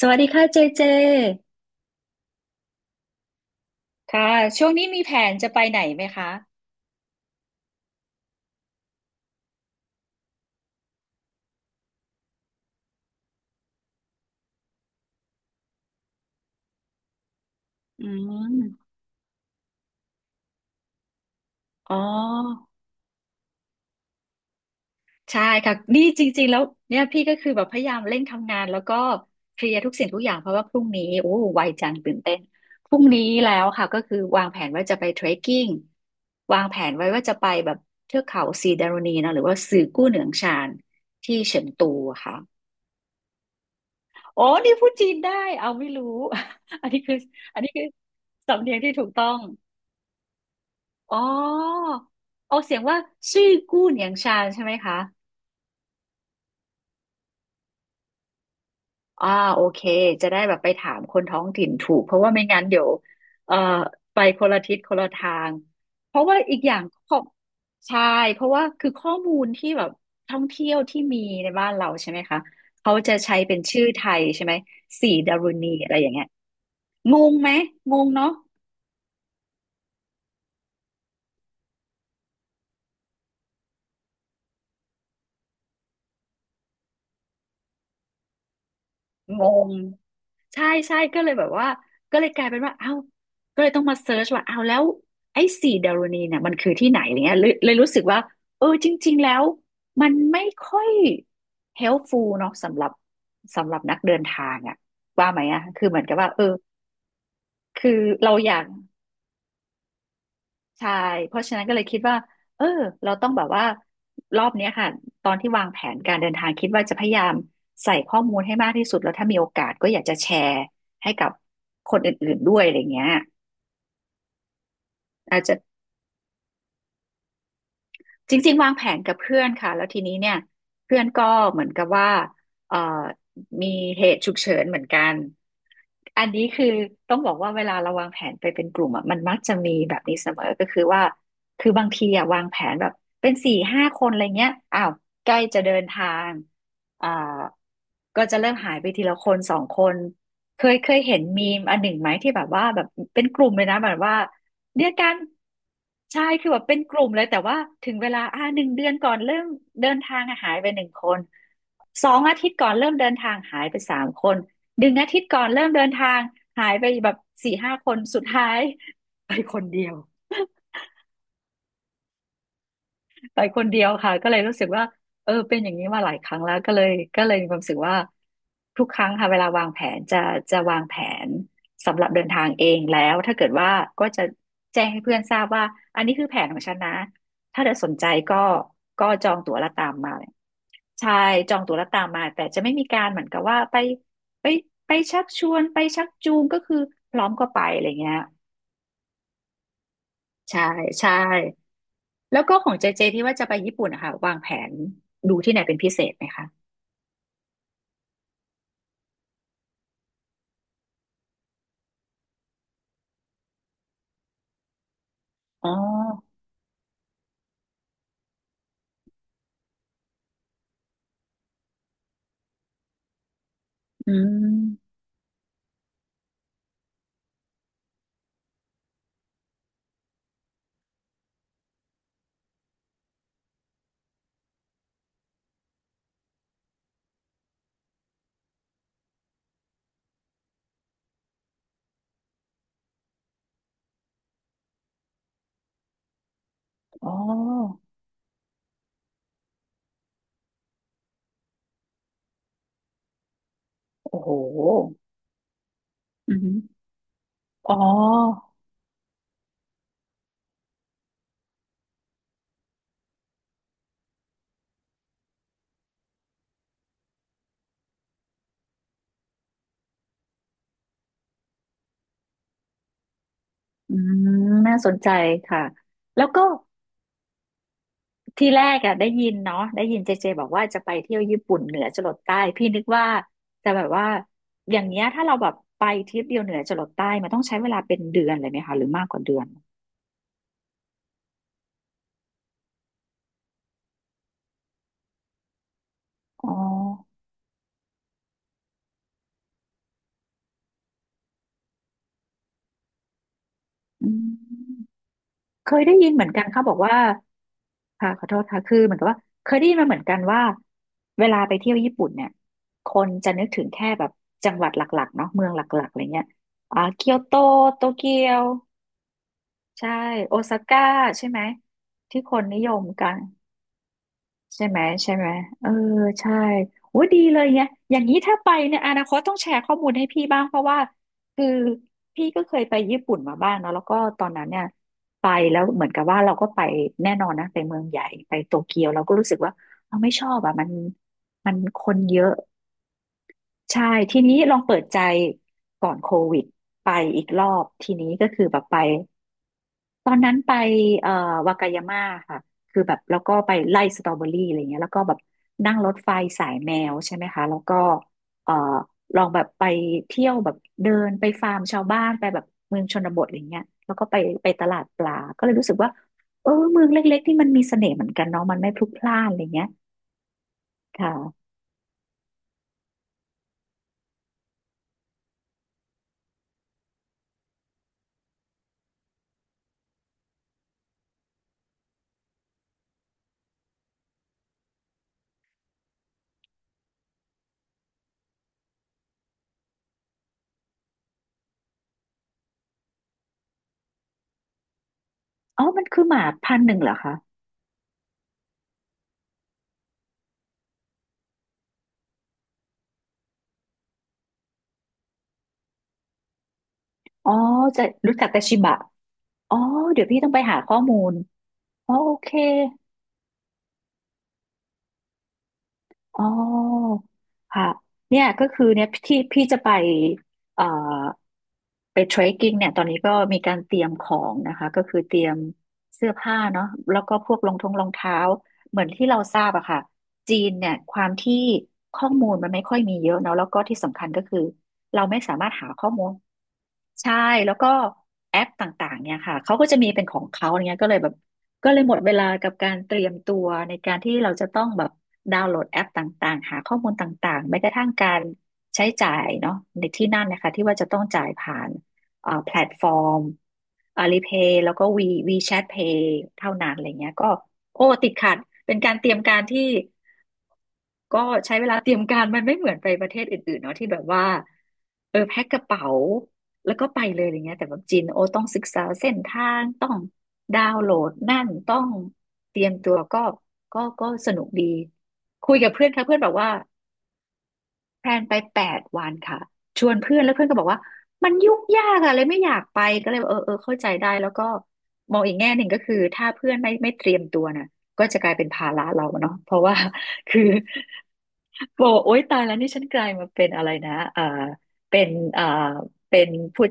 สวัสดีค่ะเจเจค่ะช่วงนี้มีแผนจะไปไหนไหมคะอืมอ๋อใช่ค่ะนี่จริงๆแล้วเนี่ยพี่ก็คือแบบพยายามเร่งทำงานแล้วก็เคลียร์ทุกสิ่งทุกอย่างเพราะว่าพรุ่งนี้โอ้ไวจังตื่นเต้นพรุ่งนี้แล้วค่ะก็คือวางแผนว่าจะไปเทรคกิ้งวางแผนไว้ว่าจะไปแบบเทือกเขาซีดารณีเนอะหรือว่าสื่อกู้เหนืองชานที่เฉิงตูอะค่ะโอ้นี่พูดจีนได้เอาไม่รู้ อันนี้คืออันนี้คือสำเนียงที่ถูกต้อง อ๋อออกเสียงว่าซื่อกู้เหนียงชานใช่ไหมคะอ่าโอเคจะได้แบบไปถามคนท้องถิ่นถูกเพราะว่าไม่งั้นเดี๋ยวเอ่อไปคนละทิศคนละทางเพราะว่าอีกอย่างข้อใช่เพราะว่าคือข้อมูลที่แบบท่องเที่ยวที่มีในบ้านเราใช่ไหมคะเขาจะใช้เป็นชื่อไทยใช่ไหมสีดารุณีอะไรอย่างเงี้ยงงไหมงงเนาะงง ใช่ใช่ก็เลยแบบว่าก็เลยกลายเป็นว่าเอ้าก็เลยต้องมาเซิร์ชว่าเอ้าแล้วไอ้สีดาโรนีเนี่ยมันคือที่ไหนอะไรเงี้ยเลยรู้สึกว่าเออจริงๆแล้วมันไม่ค่อยเฮล p ฟูลเนาะสำหรับสำหรับนักเดินทางอะว่าไหมอะคือเหมือนกับว่าเออคือเราอยาก ใช่ เพราะฉะนั้นก็เลยคิดว่าเออเราต้องแบบว่ารอบเนี้ยค่ะ ตอนที่วางแผนการเดินทางคิดว่าจะพยายามใส่ข้อมูลให้มากที่สุด แล้วถ้ามีโอกาสก็อยากจะแชร์ให้กับคนอื่นๆด้วยอะไรเงี้ยอาจจะ จริงๆวางแผนกับเพื่อนค่ะแล้วทีนี้เนี่ยเพื่อนก็เหมือนกับว่าเอ่อมีเหตุฉุกเฉินเหมือนกันอันนี้คือต้องบอกว่าเวลาเราวางแผนไปเป็นกลุ่มอ่ะมันมักจะมีแบบนี้เสมอก็คือว่าคือบางทีอ่ะวางแผนแบบเป็นสี่ห้าคนอะไรเงี้ยอ้าวใกล้จะเดินทางอ่าก็จะเริ่มหายไปทีละคนสองคนเคยเห็นมีมอันหนึ่งไหมที่แบบว่าแบบเป็นกลุ่มเลยนะแบบว่า เดียวกันใช่คือแบบเป็นกลุ่มเลยแต่ว่าถึงเวลาอ่าหนึ่งเดือนก่อนเริ่มเดินทางอะหายไปหนึ่งคนสองอาทิตย์ก่อนเริ่มเดินทางหายไปสามคนหนึ่งอาทิตย์ก่อนเริ่มเดินทางหายไปแบบสี่ห้าคนสุดท้าย ไปคนเดียว ไปคนเดียวค่ะก็เลยรู้สึกว่าเออเป็นอย่างนี้มาหลายครั้งแล้วก็เลยก็เลยมีความรู้สึกว่าทุกครั้งค่ะเวลาวางแผนจะจะวางแผนสำหรับเดินทางเองแล้วถ้าเกิดว่าก็จะแจ้งให้เพื่อนทราบว่าอันนี้คือแผนของฉันนะถ้าเธอสนใจก็ก็จองตั๋วและตามมาใช่จองตั๋วและตามมาแต่จะไม่มีการเหมือนกับว่าไปไปชักชวนไปชักจูงก็คือพร้อมก็ไปอะไรเงี้ยใช่ใช่ แล้วก็ของเจเจที่ว่าจะไปญี่ปุ่นนะคะวางแผนดูที่ไหนเป็นพิเศษไหมคะอ๋ออืมอ๋อโอ้โหอืมอ๋ออืมน่าสนใจค่ะ แล้วก็ทีแรกอะได้ยินเนาะได้ยินเจเจบอกว่าจะไปเที่ยวญี่ปุ่นเหนือจรดใต้พี่นึกว่าจะแบบว่าอย่างเนี้ยถ้าเราแบบไปทริปเดียวเหนือจรดใต้มันต้องใช้เวลาเป็นเดือนเลยไหมคะหรือมากกว่าเดือนอ๋ออืม เคยได้ยินเหมือนกันเขาบอกว่าค่ะขอโทษค่ะคือเหมือนกับว่าเคยได้ยินมาเหมือนกันว่าเวลาไปเที่ยวญี่ปุ่นเนี่ย คนจะนึกถึงแค่แบบจังหวัดหลักๆเนาะเมืองหลักๆอะไรเงี้ยอ่าเกียวโต โตเกียว ใช่ โอซาก้าใช่ไหม ที่คนนิยมกัน ใช่ไหมเออใช่โอ้ดีเลยเนี่ยอย่างนี้ถ้าไปเนี่ยอนาคตต้องแชร์ข้อมูลให้พี่บ้างเพราะว่าคือพี่ก็เคยไปญี่ปุ่นมาบ้างเนาะแล้วก็ตอนนั้นเนี่ยไปแล้วเหมือนกับว่าเราก็ไปแน่นอนนะไปเมืองใหญ่ไปโตเกียวเราก็รู้สึกว่าเราไม่ชอบอ่ะมันคนเยอะใช่ทีนี้ลองเปิดใจก่อนโควิดไปอีกรอบทีนี้ก็คือแบบไป ตอนนั้นไปเอ่อวากายาม่าค่ะคือแบบแล้วก็ไปไล่สตรอเบอรี่อะไรเงี้ยแล้วก็แบบนั่งรถไฟสายแมวใช่ไหมคะแล้วก็เอ่อลองแบบไปเที่ยวแบบเดินไปฟาร์มชาวบ้านไปแบบเมืองชนบทอะไรเงี้ยแล้วก็ไปตลาดปลาก็เลยรู้สึกว่าเออเมืองเล็กๆที่มันมีเสน่ห์เหมือนกันเนาะมันไม่พลุกพล่านอะไรเงี้ยค่ะอ๋อมันคือหมาพันธุ์หนึ่งเหรอคะอ๋อจะรู้จักแต่ชิบะอ๋อเดี๋ยวพี่ต้องไปหาข้อมูลอ๋อโอเค อ๋อค่ะเนี่ยก็คือเนี่ยที่พี่จะไปเอ่อไปเทรคกิ้งเนี่ยตอนนี้ก็มีการเตรียมของนะคะก็คือเตรียมเสื้อผ้าเนาะแล้วก็พวกรองทงรองเท้าเหมือนที่เราทราบอะค่ะจีนเนี่ยความที่ข้อมูลมันไม่ค่อยมีเยอะเนาะแล้วก็ที่สำคัญก็คือเราไม่สามารถหาข้อมูลใช่แล้วก็แอปต่างๆเนี่ยค่ะเขาก็จะมีเป็นของเขาอย่างเงี้ยก็เลยแบบ ก็เลยหมดเวลากับการเตรียมตัวในการที่เราจะต้องแบบดาวน์โหลดแอปต่างๆหาข้อมูลต่างๆแม้กระทั่งการใช้จ่ายเนาะในที่นั่นนะคะที่ว่าจะต้องจ่ายผ่านแพลตฟอร์ม Alipay แล้วก็ WeChat Pay เท่านั้นอะไรเงี้ยก็โอ้ติดขัดเป็นการเตรียมการที่ ก็ใช้เวลาเตรียมการ มันไม่เหมือนไปประเทศอื่นๆเนาะที่แบบว่าเออแพ็คกระเป๋าแล้วก็ไปเลยอะไรเงี้ยแต่แบบจีนโอต้องศึกษาเส้นทางต้องดาวน์โหลดนั่นต้องเตรียมตัวก็ก็สนุกดีคุยกับเพื่อนค่ะเพื่อนบอกว่า แพลนไป8 วันค่ะชวนเพื่อนแล้วเพื่อนก็บอกว่ามันยุ่งยากอะเลยไม่อยากไปก็เลยเออเออเข้าใจได้แล้วก็มองอีกแง่หนึ่งก็คือถ้าเพื่อนไม่เตรียมตัวน่ะก็จะกลายเป็นภาระเราเนาะเพราะว่า คือบอกว่าโอ๊ยตายแล้วนี่ฉันกลายมาเป็นอะไรนะเออเป็นเออเป็นผู้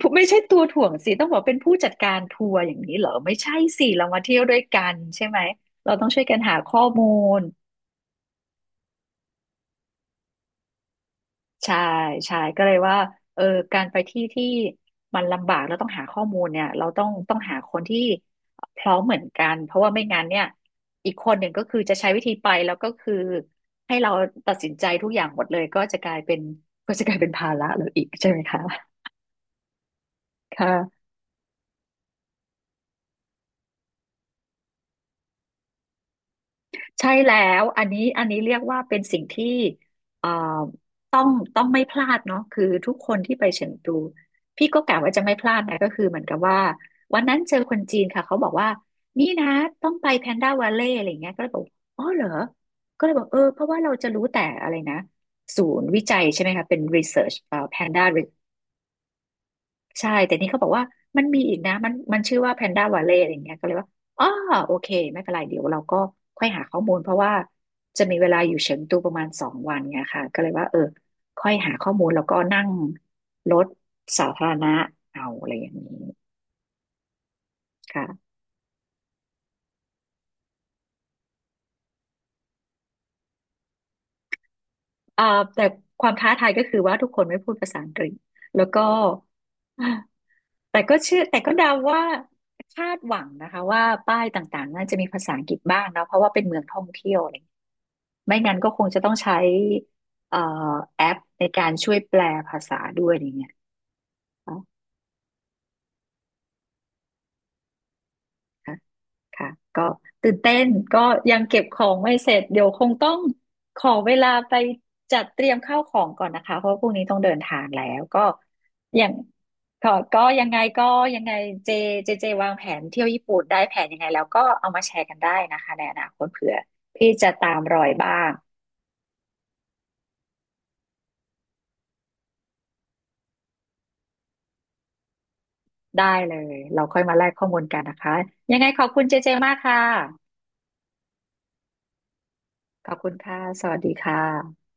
ผู้ไม่ใช่ตัวถ่วงสิต้องบอกเป็นผู้จัดการทัวร์อย่างนี้เหรอไม่ใช่สิเรามาเที่ยวด้วยกันใช่ไหมเราต้องช่วยกันหาข้อมูล ใช่ใช่ก็เลยว่าเออการไปที่ที่มันลำบากแล้วต้องหาข้อมูลเนี่ยเราต้องหาคนที่พร้อมเหมือนกันเพราะว่าไม่งั้นเนี่ยอีกคนหนึ่งก็คือจะใช้วิธีไปแล้วก็คือให้เราตัดสินใจทุกอย่างหมดเลยก็จะกลายเป็นก็จะกลายเป็นภาระเราอีกใช่ไหมคะค่ะ ใช่แล้วอันนี้เรียกว่าเป็นสิ่งที่เอ่อต้องต้องไม่พลาดเนาะคือทุกคนที่ไปเฉิงตูพี่ก็กะว่าจะไม่พลาดนะก็คือเหมือนกับว่าวันนั้นเจอคนจีนค่ะเขาบอกว่านี่นะต้องไปแพนด้าวาเล่อะไรอย่างเงี้ยก็เลยบอกอ๋อเหรอก็เลยบอกเออเพราะว่าเราจะรู้แต่อะไรนะศูนย์วิจัยใช่ไหมคะเป็น research Panda ใช่แต่นี่เขาบอกว่ามันมีอีกนะมันชื่อว่าแพนด้าวาเล่อะไรอย่างเงี้ยก็เลยว่าอ๋อโอเคไม่เป็นไรเดี๋ยวเราก็ค่อยหาข้อมูลเพราะว่าจะมีเวลาอยู่เฉิงตูประมาณ2 วันไงค่ะก็เลยว่าเออค่อยหาข้อมูลแล้วก็นั่งรถสาธารณะเอาอะไรอย่างนี้ค่ะอ่าแต่ความท้าทายก็คือว่าทุกคนไม่พูดภาษาอังกฤษแล้วก็แต่ก็เชื่อแต่ก็เดาว่าคาดหวังนะคะว่าป้ายต่างๆน่าจะมีภาษาอังกฤษบ้างนะเพราะว่าเป็นเมืองท่องเที่ยวอะไร ไม่งั้นก็คงจะต้องใช้เอ่อแอปในการช่วยแปลภาษาด้วยอย่างเงี้ยเนาะค่ะค่ะก็ตื่นเต้นก็ยังเก็บของไม่เสร็จเดี๋ยวคงต้องขอเวลาไปจัดเตรียมข้าวของก่อนนะคะเพราะพรุ่งนี้ต้องเดินทางแล้วก็อย่างก็ก็ยังไงเจเจเจวางแผนเที่ยวญี่ปุ่นได้แผนยังไงแล้วก็เอามาแชร์กันได้นะคะในอนาคตเผื่อพี่จะตามรอยบ้างได้เลยเราค่อยมาแลกข้อมูลกันนะคะยังไงขอบคุณเจเจมากค่ะ ขอบคุณค่ะ สวัสดีค่ะ